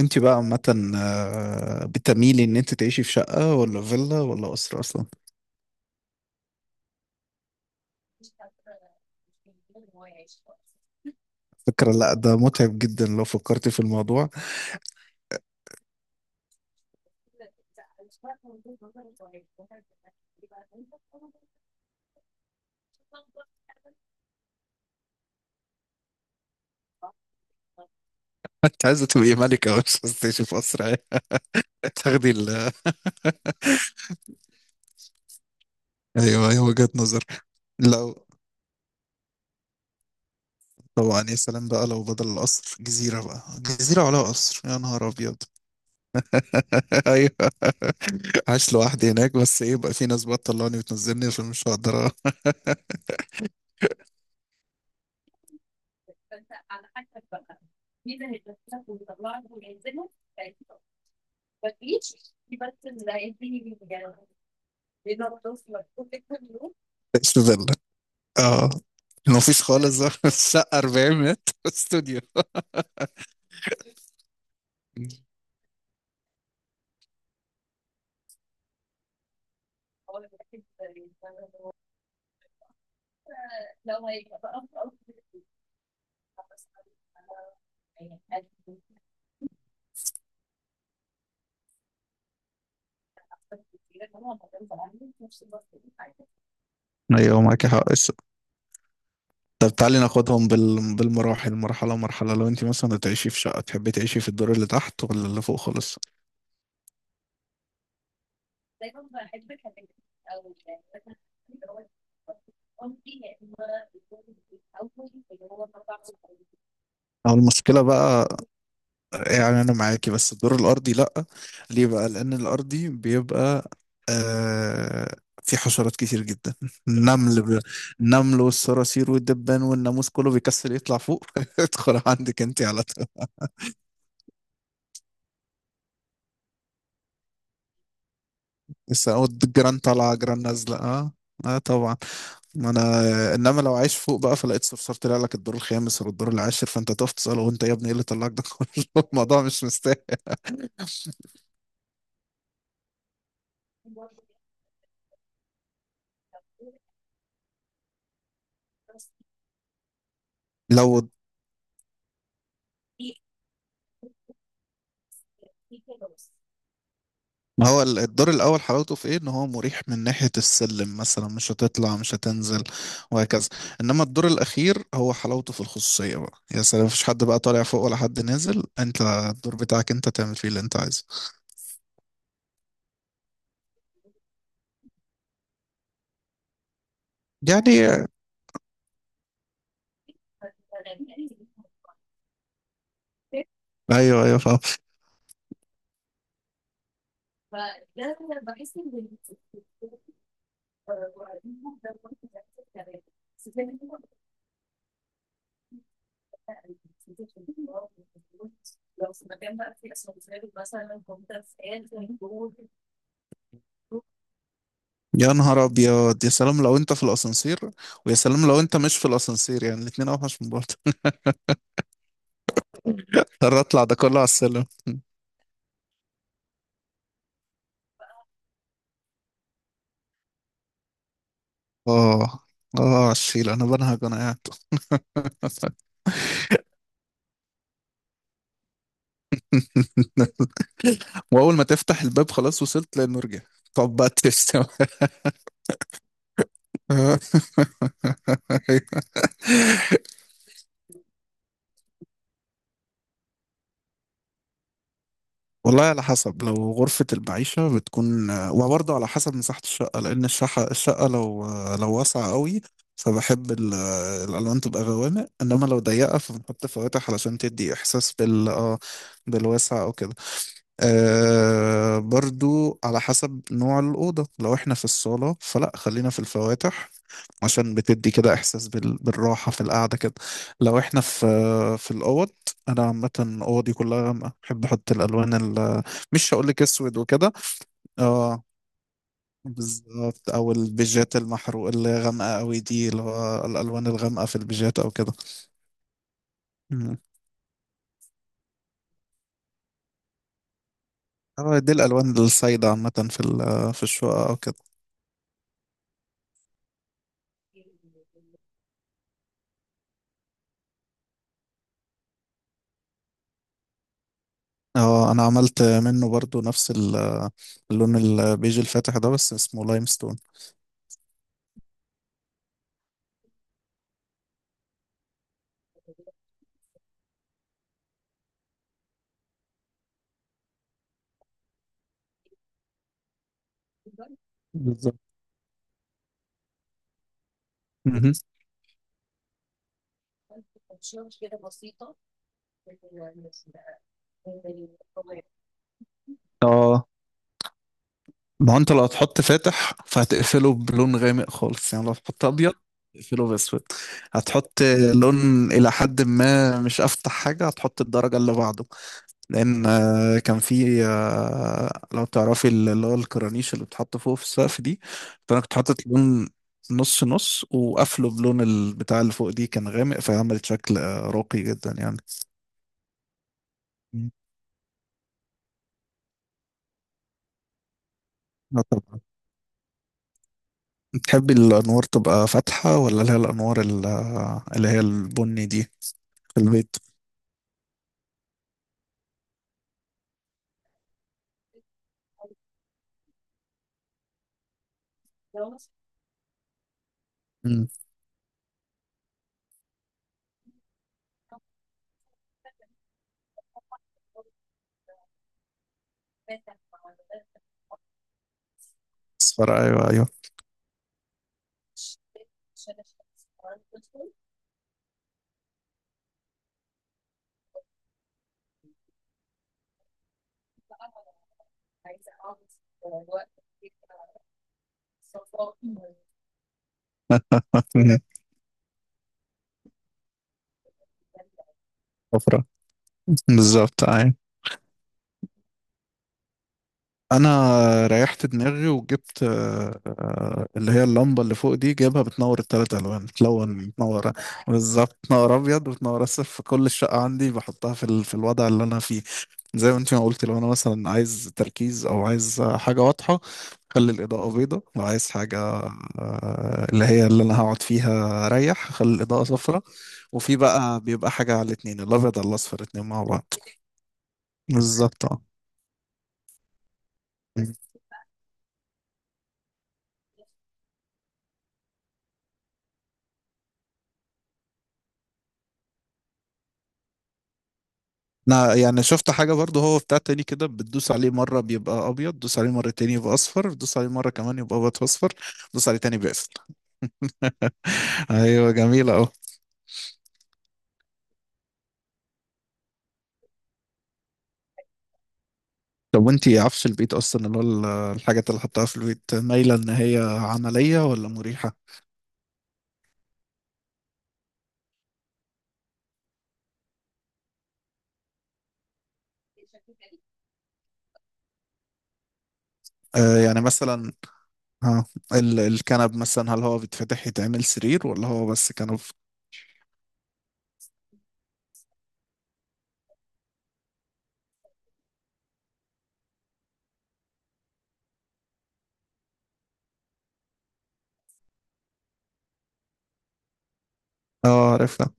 انت بقى عامة، بتميلي ان انت تعيشي في شقة ولا فيلا ولا أسرة اصلا؟ فكرة لا، ده متعب جدا لو فكرتي في الموضوع. انت عايزة تبقي ملكة، مش عايزة تعيشي في أسرة يعني. تاخدي ال ايوه، ايوه، وجهة نظر. لو طبعا يا سلام بقى، لو بدل القصر جزيرة، بقى جزيرة على قصر يا نهار أبيض! ايوه. عايش لوحدي هناك، بس ايه بقى، في ناس بقى تطلعني وتنزلني عشان مش هقدر اعيش في فيلا. اه. مفيش خالص. شقة 40 متر، استوديو. ايوه، معاك حق. طب تعالي ناخدهم بالمراحل، مرحله مرحله. لو انت مثلا هتعيشي في شقه، تحبي تعيشي في الدور اللي تحت ولا اللي فوق خالص؟ او المشكله بقى. يعني انا معاكي، بس الدور الارضي لا. ليه بقى؟ لان الارضي بيبقى آه... في حشرات كتير جدا. النمل ب... النمل والصراصير والدبان والناموس كله بيكسل يطلع فوق، ادخل عندك انت على طول. بس أو الجيران طالعه، جيران نازله، اه. اه طبعا. ما انا، انما لو عايش فوق بقى فلقيت صرصار طلع لك الدور الخامس ولا الدور العاشر، فانت تقف تساله: وانت يا ابني ايه اللي طلعك ده كله؟ الموضوع مش مستاهل. لو ما هو الدور الاول حلاوته في ايه؟ ان هو مريح من ناحيه السلم مثلا، مش هتطلع مش هتنزل وهكذا. انما الدور الاخير هو حلاوته في الخصوصيه، بقى يا سلام، مفيش حد بقى طالع فوق ولا حد نازل، انت الدور بتاعك انت تعمل فيه اللي انت عايزه. يعني، ايوه ايوه، فاهم. يا نهار ابيض، يا سلام لو انت في الاسانسير! ويا سلام لو انت مش في الاسانسير، يعني الاتنين اوحش من بعض. اضطر اطلع ده كله على السلم. اه، اه، على الشيل انا بنهج وانا قاعد. واول ما تفتح الباب، خلاص وصلت للمرجع. طب بقى تشتم. والله على حسب، لو غرفة المعيشة بتكون، وبرضه على حسب مساحة الشقة، لأن الشقة لو واسعة قوي، فبحب الألوان تبقى غوامق، إنما لو ضيقة فبنحط فواتح علشان تدي إحساس بالواسع أو كده. برضو على حسب نوع الأوضة، لو احنا في الصالة فلا خلينا في الفواتح، عشان بتدي كده إحساس بالراحة في القعدة كده. لو احنا في في الأوض أنا عامة أوضي كلها، بحب أحط الألوان مش هقولك أسود وكده. اه بالظبط، أو البيجات المحروق، اللي هي غامقة أوي دي، اللي هو الألوان الغامقة في البيجات أو كده. مم. اه، دي الألوان السايدة عامة في الشقة أو كده. اه، انا عملت منه برضو نفس اللون البيج الفاتح ده، بس اسمه لايم ستون. بالظبط. مهم. اه ما هو انت لو هتحط فاتح، فهتقفله بلون غامق خالص، يعني لو هتحط ابيض تقفله باسود. هتحط لون الى حد ما مش افتح حاجه، هتحط الدرجه اللي بعده. لان كان في، لو تعرفي اللي هو الكرانيش اللي بتحط فوق في السقف دي، فانا كنت حاطط لون نص نص، وقافله بلون البتاع اللي فوق دي كان غامق، فعملت شكل راقي جدا يعني. مم. اه طبعا. بتحبي الانوار تبقى فاتحه، ولا اللي هي الانوار اللي هي البني دي؟ في البيت. مم. اصفر، ايوه ايوه. صفرا. بالظبط، أيوة. انا ريحت دماغي وجبت، اللي هي اللمبه اللي فوق دي جايبها بتنور الثلاث الوان، بتلون بتنور. بالظبط، بتنور ابيض وبتنور اصفر، في كل الشقه عندي بحطها في الوضع اللي انا فيه. زي ما انت ما قلت، لو انا مثلا عايز تركيز او عايز حاجه واضحه، خلي الاضاءه بيضه. لو عايز حاجه اللي هي اللي انا هقعد فيها ريح، خلي الاضاءه صفراء. وفي بقى بيبقى حاجه على الاتنين، الابيض على الاصفر، الاتنين مع بعض. بالظبط اه. انا يعني شفت حاجة برضه، هو بتاع تاني كده، بتدوس عليه مرة بيبقى ابيض، دوس عليه مرة تاني يبقى اصفر، دوس عليه مرة كمان يبقى ابيض اصفر، دوس عليه تاني بيقفل. ايوه جميلة اهو. طب وانتي، عفش البيت اصلا اللي هو الحاجات اللي حطها في البيت، مايلة ان هي عملية ولا مريحة؟ يعني مثلا، ها، الكنب مثلا، هل هو بيتفتح يتعمل سرير، ولا هو بس كنب؟ اه عرفتها.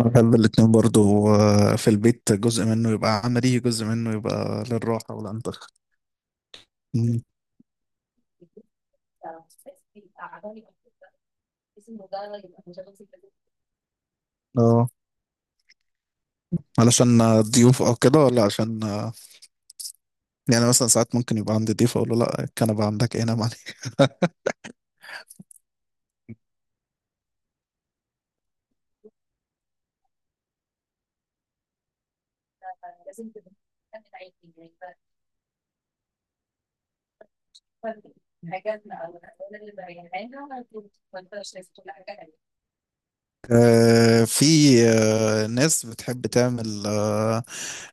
أنا بحب الاتنين برضو، في البيت جزء منه يبقى عملي، جزء منه يبقى للراحة والأنتخ. مم. اه علشان ضيوف او كده، ولا عشان يعني مثلا ساعات ممكن يبقى عندي ضيف اقول له: لا، الكنبه عندك، ايه نام عليك. في، ناس بتحب تعمل،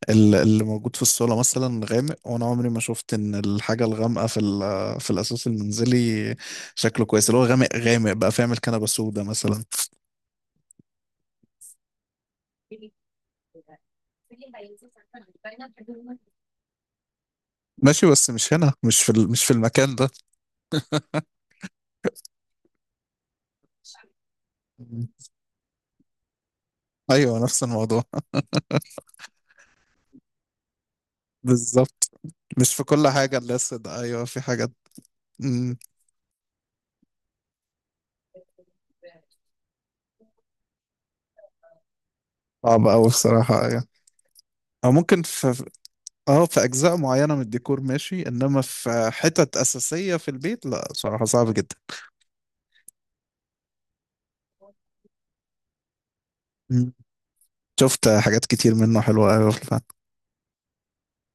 اللي موجود في الصاله مثلا غامق، وانا عمري ما شفت ان الحاجه الغامقه في الاساس المنزلي شكله كويس، اللي هو غامق غامق بقى، فيعمل كنبه سودا مثلا. ماشي، بس مش هنا، مش مش في المكان ده. مم. ايوه نفس الموضوع. بالظبط، مش في كل حاجه الناس ده، ايوه في حاجات. مم. صعبه قوي بصراحه، أيوة. او ممكن اه، في اجزاء معينه من الديكور ماشي، انما في حتت اساسيه في البيت لا، صراحه صعب جدا. مم. شفت حاجات كتير منه حلوه قوي.